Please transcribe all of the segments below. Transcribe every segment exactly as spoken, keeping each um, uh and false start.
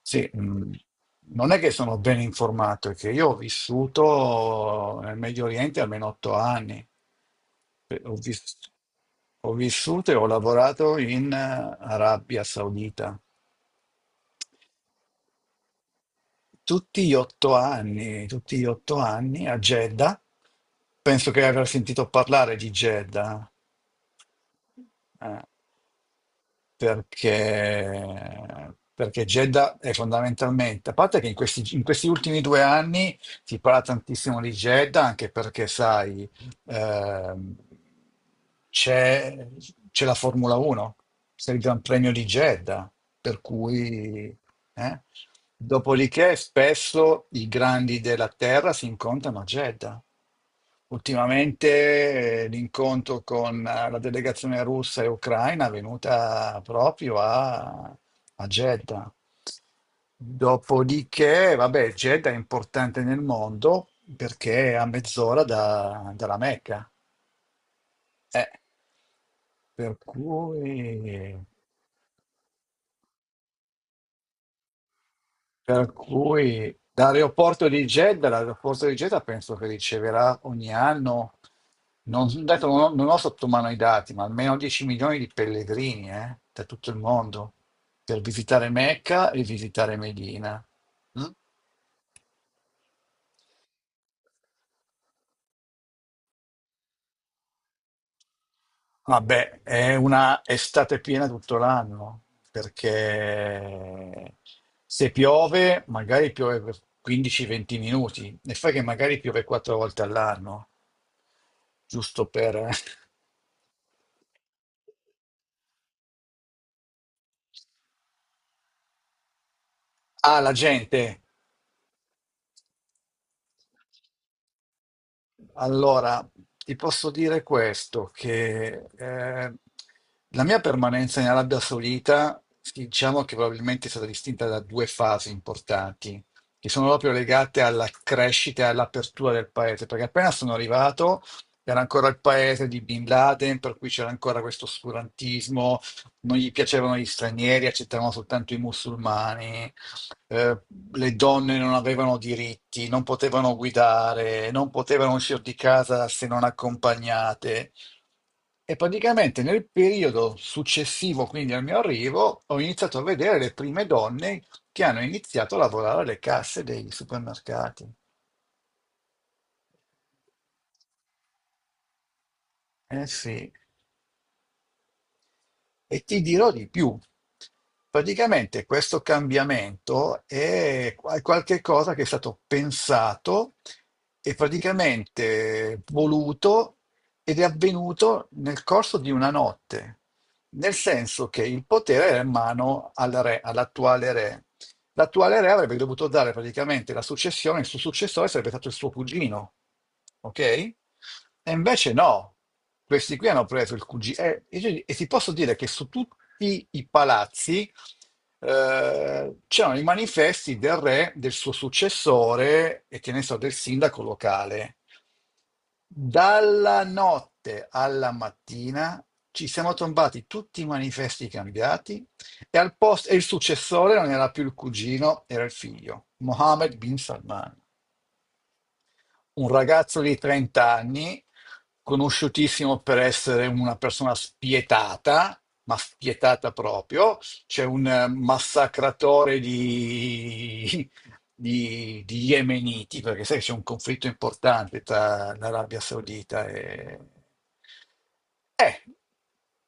Sì, mh, non è che sono ben informato, è che io ho vissuto nel Medio Oriente almeno otto anni. Eh, Ho vis- ho vissuto e ho lavorato in eh, Arabia Saudita. Tutti gli otto anni, tutti gli otto anni a Jeddah. Penso che aver sentito parlare di Jeddah. eh, perché, perché Jeddah è fondamentalmente, a parte che in questi, in questi ultimi due anni si parla tantissimo di Jeddah, anche perché, sai, ehm, c'è, c'è la Formula uno il Gran Premio di Jeddah, per cui... eh. Dopodiché spesso i grandi della terra si incontrano a Jeddah. Ultimamente eh, l'incontro con eh, la delegazione russa e ucraina è venuta proprio a, a Jeddah. Dopodiché, vabbè, Jeddah è importante nel mondo perché è a mezz'ora da- dalla Mecca. Eh, per cui... Per cui dall'aeroporto di Jeddah, l'aeroporto di Jeddah penso che riceverà ogni anno, non, detto, non, ho, non ho sotto mano i dati, ma almeno dieci milioni di pellegrini eh, da tutto il mondo per visitare Mecca e visitare Medina. Mm? Vabbè, è una estate piena tutto l'anno, perché se piove, magari piove per quindici venti minuti, e fai che magari piove quattro volte all'anno, giusto per... Ah, la gente. Allora, ti posso dire questo, che eh, la mia permanenza in Arabia Saudita, sì, diciamo che probabilmente è stata distinta da due fasi importanti, che sono proprio legate alla crescita e all'apertura del paese, perché appena sono arrivato era ancora il paese di Bin Laden, per cui c'era ancora questo oscurantismo, non gli piacevano gli stranieri, accettavano soltanto i musulmani. eh, le donne non avevano diritti, non potevano guidare, non potevano uscire di casa se non accompagnate. E praticamente nel periodo successivo, quindi al mio arrivo, ho iniziato a vedere le prime donne che hanno iniziato a lavorare alle casse dei supermercati. Eh sì. E ti dirò di più. Praticamente questo cambiamento è qual- qualche cosa che è stato pensato e praticamente voluto ed è avvenuto nel corso di una notte, nel senso che il potere era in mano al re, all'attuale re. L'attuale re avrebbe dovuto dare praticamente la successione, il suo successore sarebbe stato il suo cugino, ok? E invece no, questi qui hanno preso il cugino. E, e- e ti posso dire che su tutti i palazzi eh, c'erano i manifesti del re, del suo successore e che ne so, del sindaco locale. Dalla notte alla mattina ci siamo trovati tutti i manifesti cambiati e, al posto, e il successore non era più il cugino, era il figlio, Mohammed bin Salman. Un ragazzo di trenta anni, conosciutissimo per essere una persona spietata, ma spietata proprio, c'è un eh, massacratore di, di, di yemeniti, perché sai che c'è un conflitto importante tra l'Arabia Saudita e... Eh,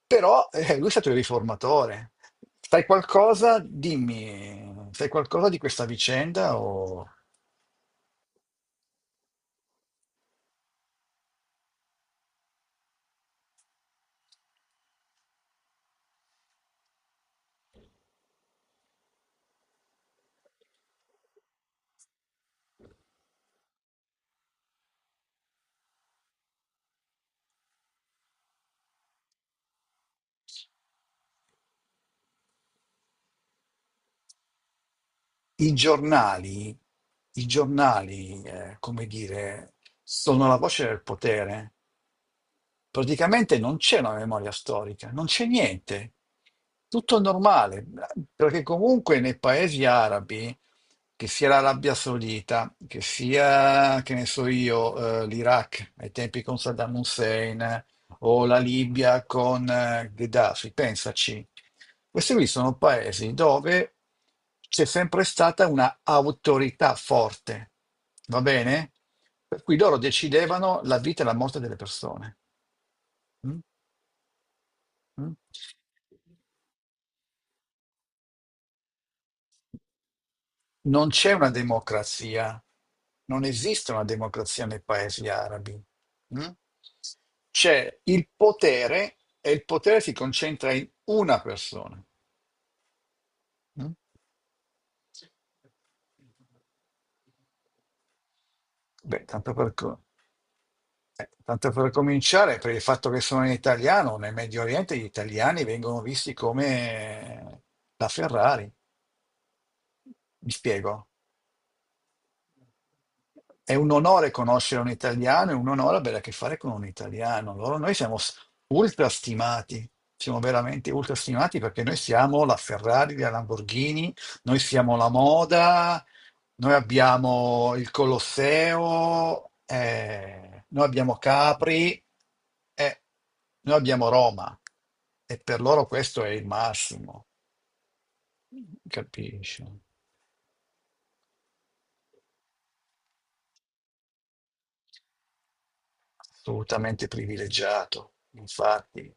però eh, lui è stato il riformatore. Sai qualcosa? Dimmi, sai qualcosa di questa vicenda o... I giornali, i giornali, eh, come dire, sono la voce del potere, praticamente non c'è una memoria storica, non c'è niente, tutto normale, perché comunque nei paesi arabi, che sia l'Arabia Saudita, che sia, che ne so io, eh, l'Iraq ai tempi con Saddam Hussein, eh, o la Libia con eh, Gheddafi, pensaci, questi qui sono paesi dove c'è sempre stata una autorità forte, va bene? Per cui loro decidevano la vita e la morte delle persone. Mh, mh. Non c'è una democrazia, non esiste una democrazia nei paesi arabi. Mh? C'è il potere e il potere si concentra in una persona. Mh? Beh, tanto per, co- eh, tanto per cominciare, per il fatto che sono in italiano, nel Medio Oriente gli italiani vengono visti come la Ferrari. Mi spiego? È un onore conoscere un italiano, è un onore avere a che fare con un italiano. Loro- noi siamo s- ultrastimati, siamo veramente ultrastimati perché noi siamo la Ferrari, la Lamborghini, noi siamo la moda, noi abbiamo il Colosseo, eh, noi abbiamo Capri, eh, noi abbiamo Roma. E per loro questo è il massimo, capisci? Assolutamente privilegiato, infatti.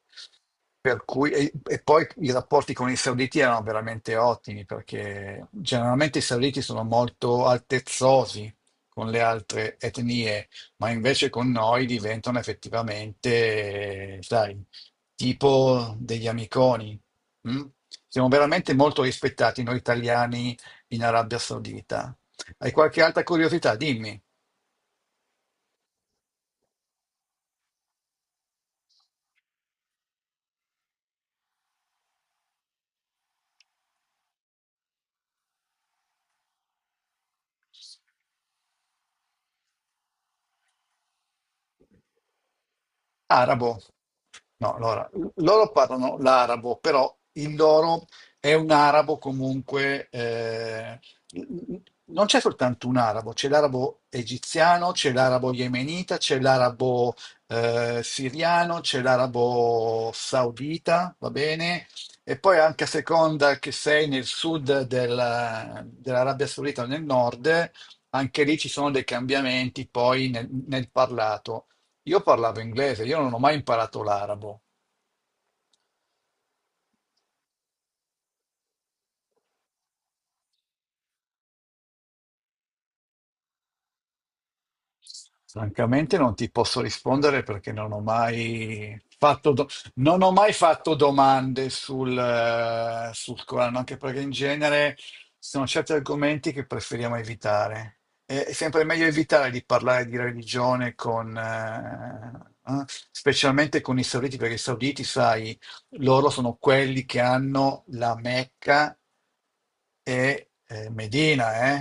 Per cui, e, e poi i rapporti con i sauditi erano veramente ottimi, perché generalmente i sauditi sono molto altezzosi con le altre etnie, ma invece con noi diventano effettivamente, sai, tipo degli amiconi. Mm? Siamo veramente molto rispettati noi italiani in Arabia Saudita. Hai qualche altra curiosità? Dimmi. Arabo. No, allora, loro parlano l'arabo, però il loro è un arabo comunque, eh, non c'è soltanto un arabo, c'è l'arabo egiziano, c'è l'arabo yemenita, c'è l'arabo eh, siriano, c'è l'arabo saudita, va bene? E poi anche a seconda che sei nel sud della- dell'Arabia Saudita o nel nord, anche lì ci sono dei cambiamenti poi nel nel parlato. Io parlavo inglese, io non ho mai imparato l'arabo. Francamente non ti posso rispondere perché non ho mai fatto, do- non ho mai fatto domande sul, eh, sul Corano, anche perché in genere ci sono certi argomenti che preferiamo evitare. È è sempre meglio evitare di parlare di religione con, eh, eh, specialmente con i sauditi, perché i sauditi, sai, loro sono quelli che hanno la Mecca e eh, Medina, eh?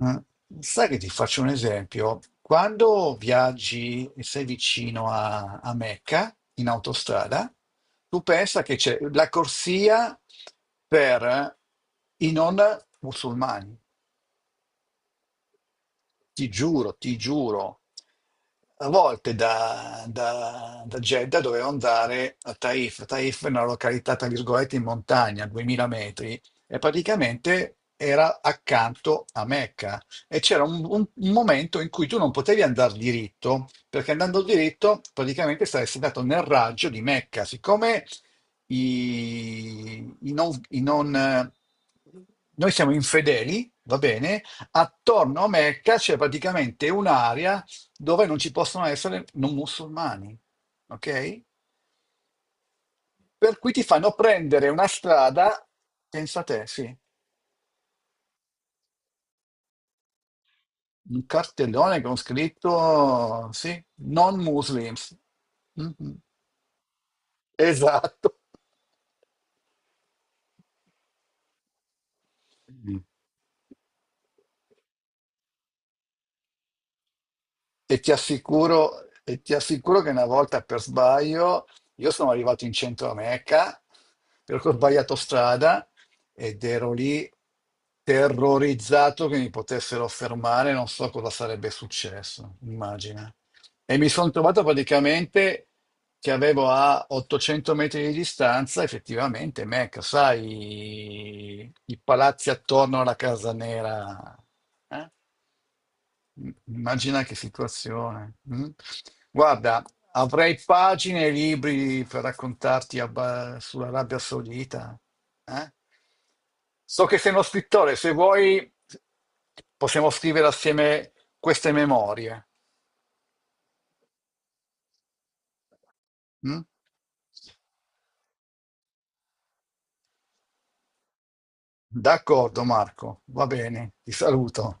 Eh, Sai che ti faccio un esempio? Quando viaggi e sei vicino a, a Mecca in autostrada, tu pensa che c'è la corsia per i non musulmani. Ti giuro, ti giuro, a volte da, da- da Jeddah dovevo andare a Taif. Taif è una località, tra virgolette, in montagna, duemila metri, e praticamente era accanto a Mecca. E c'era un, un- un momento in cui tu non potevi andare diritto, perché andando diritto praticamente saresti andato nel raggio di Mecca. Siccome i, i non, i non, eh, noi siamo infedeli, va bene? Attorno a Mecca c'è praticamente un'area dove non ci possono essere non musulmani, ok? Per cui ti fanno prendere una strada, pensa te, sì, un cartellone con scritto, sì, non Muslims. Mhm. Esatto. Mm. E ti assicuro, e ti assicuro che una volta per sbaglio io sono arrivato in centro a Mecca perché ho sbagliato strada ed ero lì terrorizzato che mi potessero fermare, non so cosa sarebbe successo, immagina. E mi sono trovato praticamente che avevo a ottocento metri di distanza effettivamente Mecca, sai, i, i palazzi attorno alla Casa Nera. Eh? Immagina che situazione. Mm? Guarda, avrei pagine e libri per raccontarti a ba- sull'Arabia Saudita. Eh? So che sei uno scrittore, se vuoi possiamo scrivere assieme queste memorie. Mm? D'accordo, Marco, va bene, ti saluto.